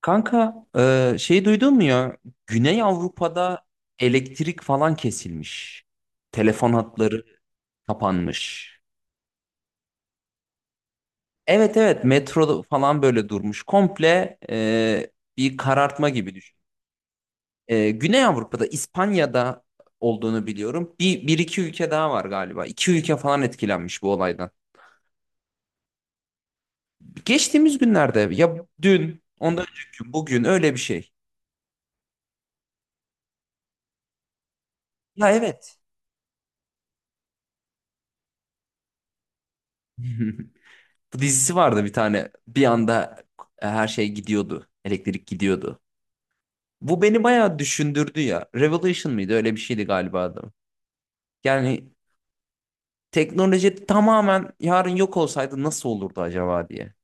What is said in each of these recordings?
Kanka, şey duydun mu ya? Güney Avrupa'da elektrik falan kesilmiş. Telefon hatları kapanmış. Evet, evet, metro falan böyle durmuş. Komple bir karartma gibi düşün. Güney Avrupa'da, İspanya'da olduğunu biliyorum. Bir iki ülke daha var galiba. İki ülke falan etkilenmiş bu olaydan. Geçtiğimiz günlerde ya, dün, ondan önceki gün, bugün öyle bir şey. Ya evet. Bu dizisi vardı bir tane. Bir anda her şey gidiyordu. Elektrik gidiyordu. Bu beni bayağı düşündürdü ya. Revolution mıydı? Öyle bir şeydi galiba adı. Yani teknoloji tamamen yarın yok olsaydı nasıl olurdu acaba diye.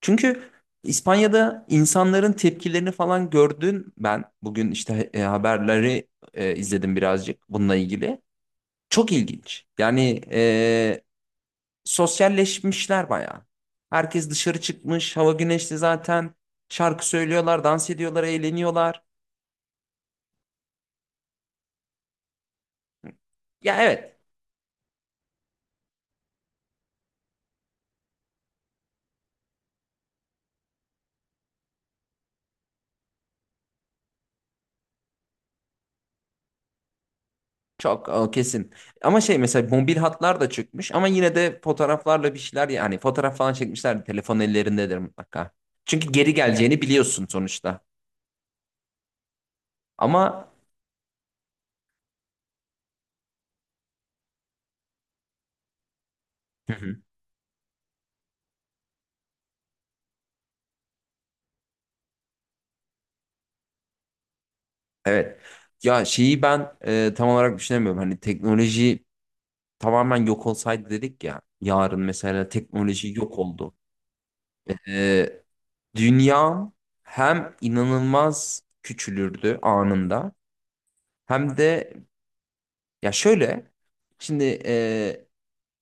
Çünkü İspanya'da insanların tepkilerini falan gördün ben. Bugün işte haberleri izledim birazcık bununla ilgili. Çok ilginç. Yani sosyalleşmişler bayağı. Herkes dışarı çıkmış, hava güneşli zaten. Şarkı söylüyorlar, dans ediyorlar, eğleniyorlar. Ya evet, çok o kesin. Ama şey, mesela mobil hatlar da çıkmış ama yine de fotoğraflarla bir şeyler, yani fotoğraf falan çekmişler, telefon ellerindedir mutlaka. Çünkü geri geleceğini biliyorsun sonuçta. Ama hı hı, evet. Ya şeyi ben tam olarak düşünemiyorum. Hani teknoloji tamamen yok olsaydı dedik ya. Yarın mesela teknoloji yok oldu. E, Dünyam hem inanılmaz küçülürdü anında hem de, ya şöyle, şimdi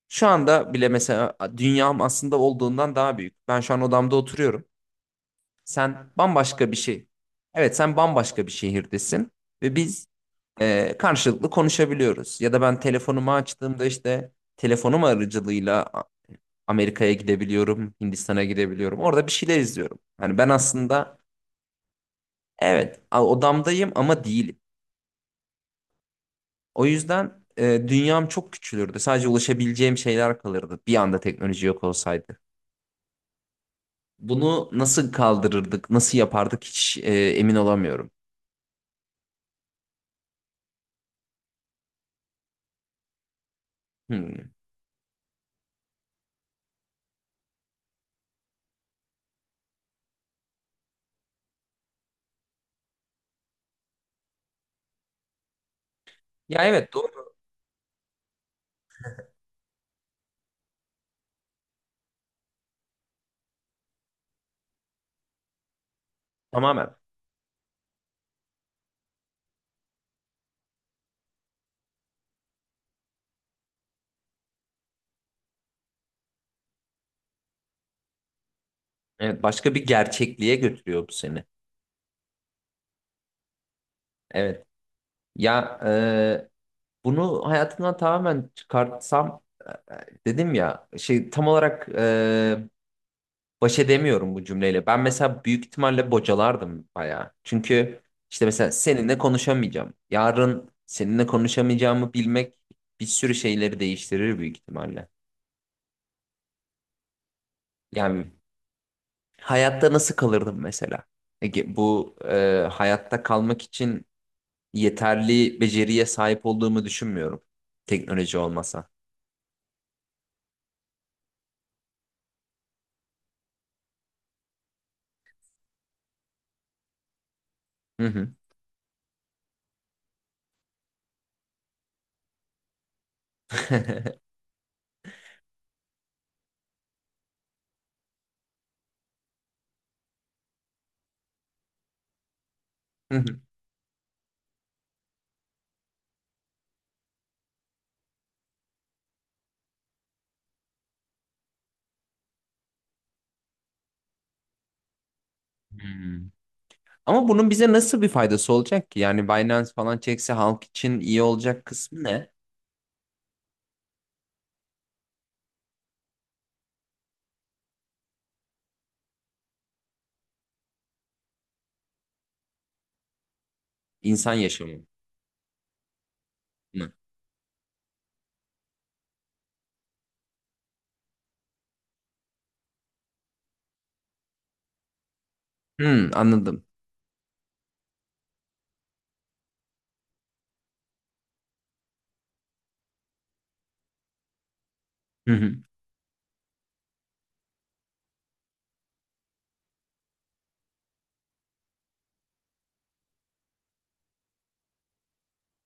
şu anda bile mesela dünyam aslında olduğundan daha büyük. Ben şu an odamda oturuyorum. Sen bambaşka bir şey. Evet, sen bambaşka bir şehirdesin ve biz karşılıklı konuşabiliyoruz. Ya da ben telefonumu açtığımda işte telefonum aracılığıyla Amerika'ya gidebiliyorum, Hindistan'a gidebiliyorum. Orada bir şeyler izliyorum. Yani ben aslında evet, odamdayım ama değilim. O yüzden dünyam çok küçülürdü. Sadece ulaşabileceğim şeyler kalırdı bir anda teknoloji yok olsaydı. Bunu nasıl kaldırırdık, nasıl yapardık hiç emin olamıyorum. Hmm. Ya evet, doğru. Tamamen. Evet, başka bir gerçekliğe götürüyor bu seni. Evet. Ya bunu hayatımdan tamamen çıkartsam, dedim ya, şey tam olarak, baş edemiyorum bu cümleyle. Ben mesela büyük ihtimalle bocalardım bayağı. Çünkü işte mesela seninle konuşamayacağım. Yarın seninle konuşamayacağımı bilmek bir sürü şeyleri değiştirir büyük ihtimalle. Yani hayatta nasıl kalırdım mesela? Ege, bu hayatta kalmak için yeterli beceriye sahip olduğumu düşünmüyorum. Teknoloji olmasa. Hı hı. Hı hı. Hmm. Ama bunun bize nasıl bir faydası olacak ki? Yani Binance falan çekse halk için iyi olacak kısmı ne? İnsan yaşamı mı? Hmm, anladım. Hı hı.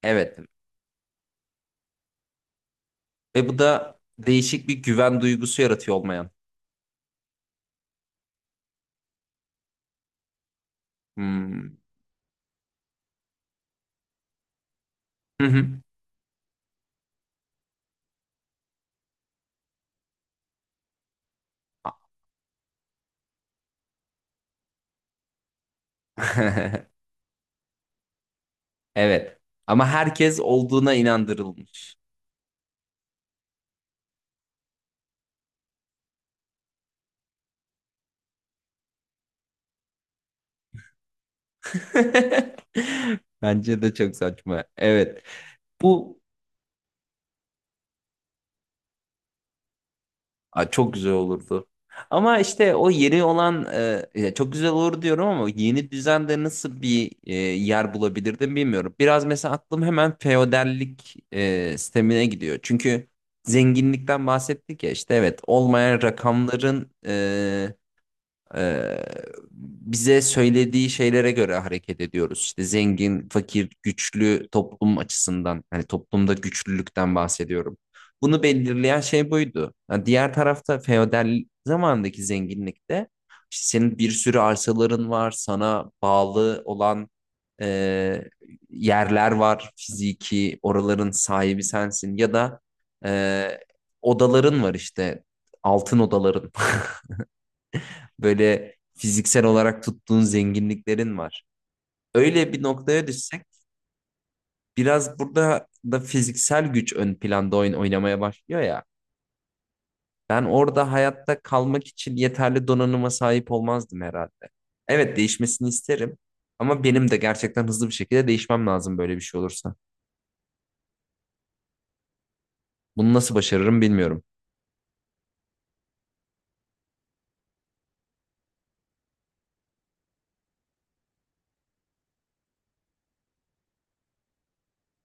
Evet. Ve bu da değişik bir güven duygusu yaratıyor, olmayan. Hmm. Hı hı. Evet. Ama herkes olduğuna inandırılmış. Bence de çok saçma. Evet. Bu, aa, çok güzel olurdu. Ama işte o yeni olan ya çok güzel olur diyorum ama yeni düzende nasıl bir yer bulabilirdim bilmiyorum. Biraz mesela aklım hemen feodallik sistemine gidiyor. Çünkü zenginlikten bahsettik ya, işte evet, olmayan rakamların ee, bize söylediği şeylere göre hareket ediyoruz. İşte zengin, fakir, güçlü toplum açısından, hani toplumda güçlülükten bahsediyorum. Bunu belirleyen şey buydu. Ha, diğer tarafta feodal zamandaki zenginlikte işte senin bir sürü arsaların var, sana bağlı olan e, yerler var, fiziki, oraların sahibi sensin ya da e, odaların var işte, altın odaların. Böyle fiziksel olarak tuttuğun zenginliklerin var. Öyle bir noktaya düşsek biraz burada da fiziksel güç ön planda oyun oynamaya başlıyor ya. Ben orada hayatta kalmak için yeterli donanıma sahip olmazdım herhalde. Evet, değişmesini isterim ama benim de gerçekten hızlı bir şekilde değişmem lazım böyle bir şey olursa. Bunu nasıl başarırım bilmiyorum.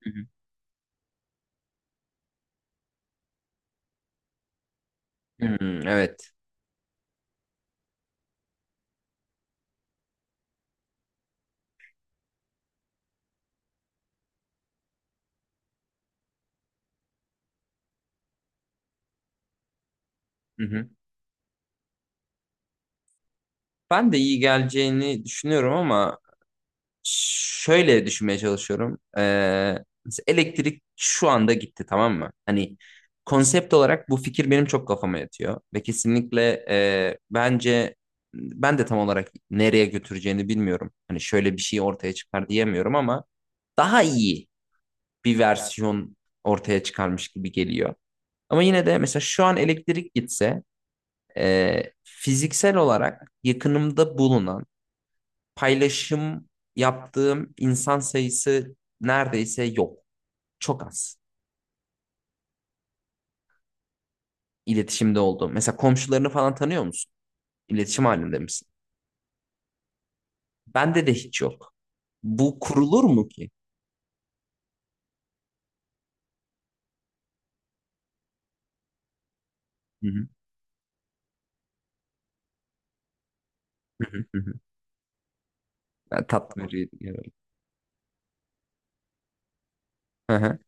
Hı hı. Hmm, evet. Hı hı. Ben de iyi geleceğini düşünüyorum ama şöyle düşünmeye çalışıyorum. Mesela elektrik şu anda gitti, tamam mı? Hani konsept olarak bu fikir benim çok kafama yatıyor. Ve kesinlikle bence ben de tam olarak nereye götüreceğini bilmiyorum. Hani şöyle bir şey ortaya çıkar diyemiyorum ama daha iyi bir versiyon ortaya çıkarmış gibi geliyor. Ama yine de mesela şu an elektrik gitse fiziksel olarak yakınımda bulunan paylaşım yaptığım insan sayısı neredeyse yok. Çok az iletişimde olduğum. Mesela komşularını falan tanıyor musun? İletişim halinde misin? Bende de hiç yok. Bu kurulur mu ki? Hı hı, hı hı, hı hı. Ben tatlı bir hı hı,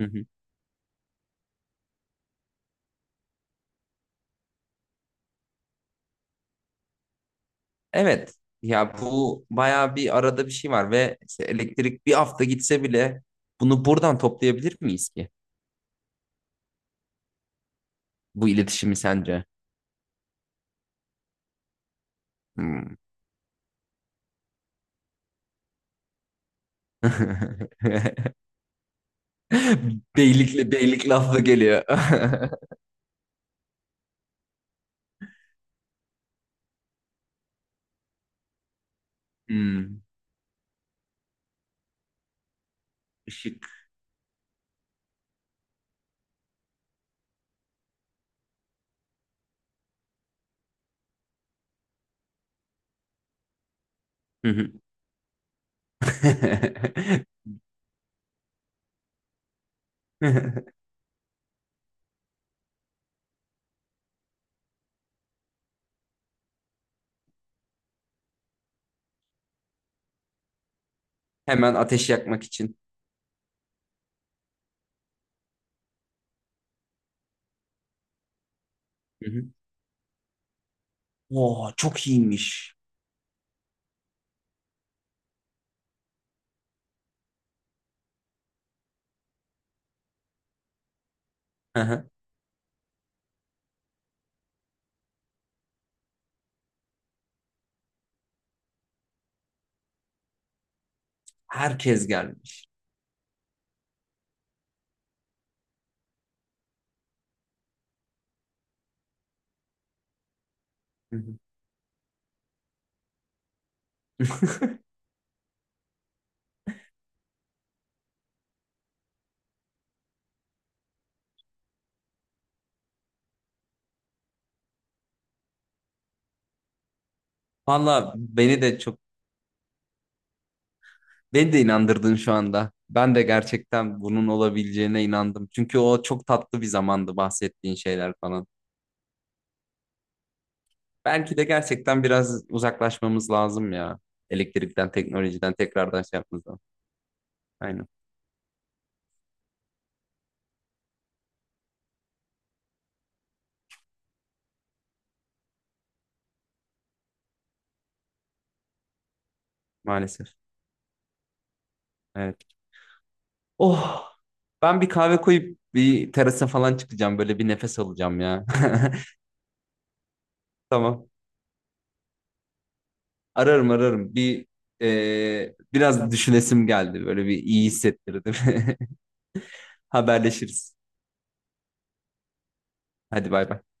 hı hı. Evet. Ya bu bayağı bir arada bir şey var ve işte elektrik bir hafta gitse bile bunu buradan toplayabilir miyiz ki? Bu iletişimi sence? Hmm. Beylikli beylik lafı geliyor. Hmm, ışık. Hı hı. Hemen ateş yakmak için. Hı hı. Oo, çok iyiymiş. Hı hı. Herkes gelmiş. Hı hı. Valla beni de çok, beni de inandırdın şu anda. Ben de gerçekten bunun olabileceğine inandım. Çünkü o çok tatlı bir zamandı bahsettiğin şeyler falan. Belki de gerçekten biraz uzaklaşmamız lazım ya. Elektrikten, teknolojiden, tekrardan şey yapmamızdan. Aynen. Maalesef. Evet. Oh, ben bir kahve koyup bir terasa falan çıkacağım. Böyle bir nefes alacağım ya. Tamam. Ararım, ararım. Bir, biraz düşünesim geldi. Böyle bir iyi hissettirdi. Haberleşiriz. Hadi bay bay.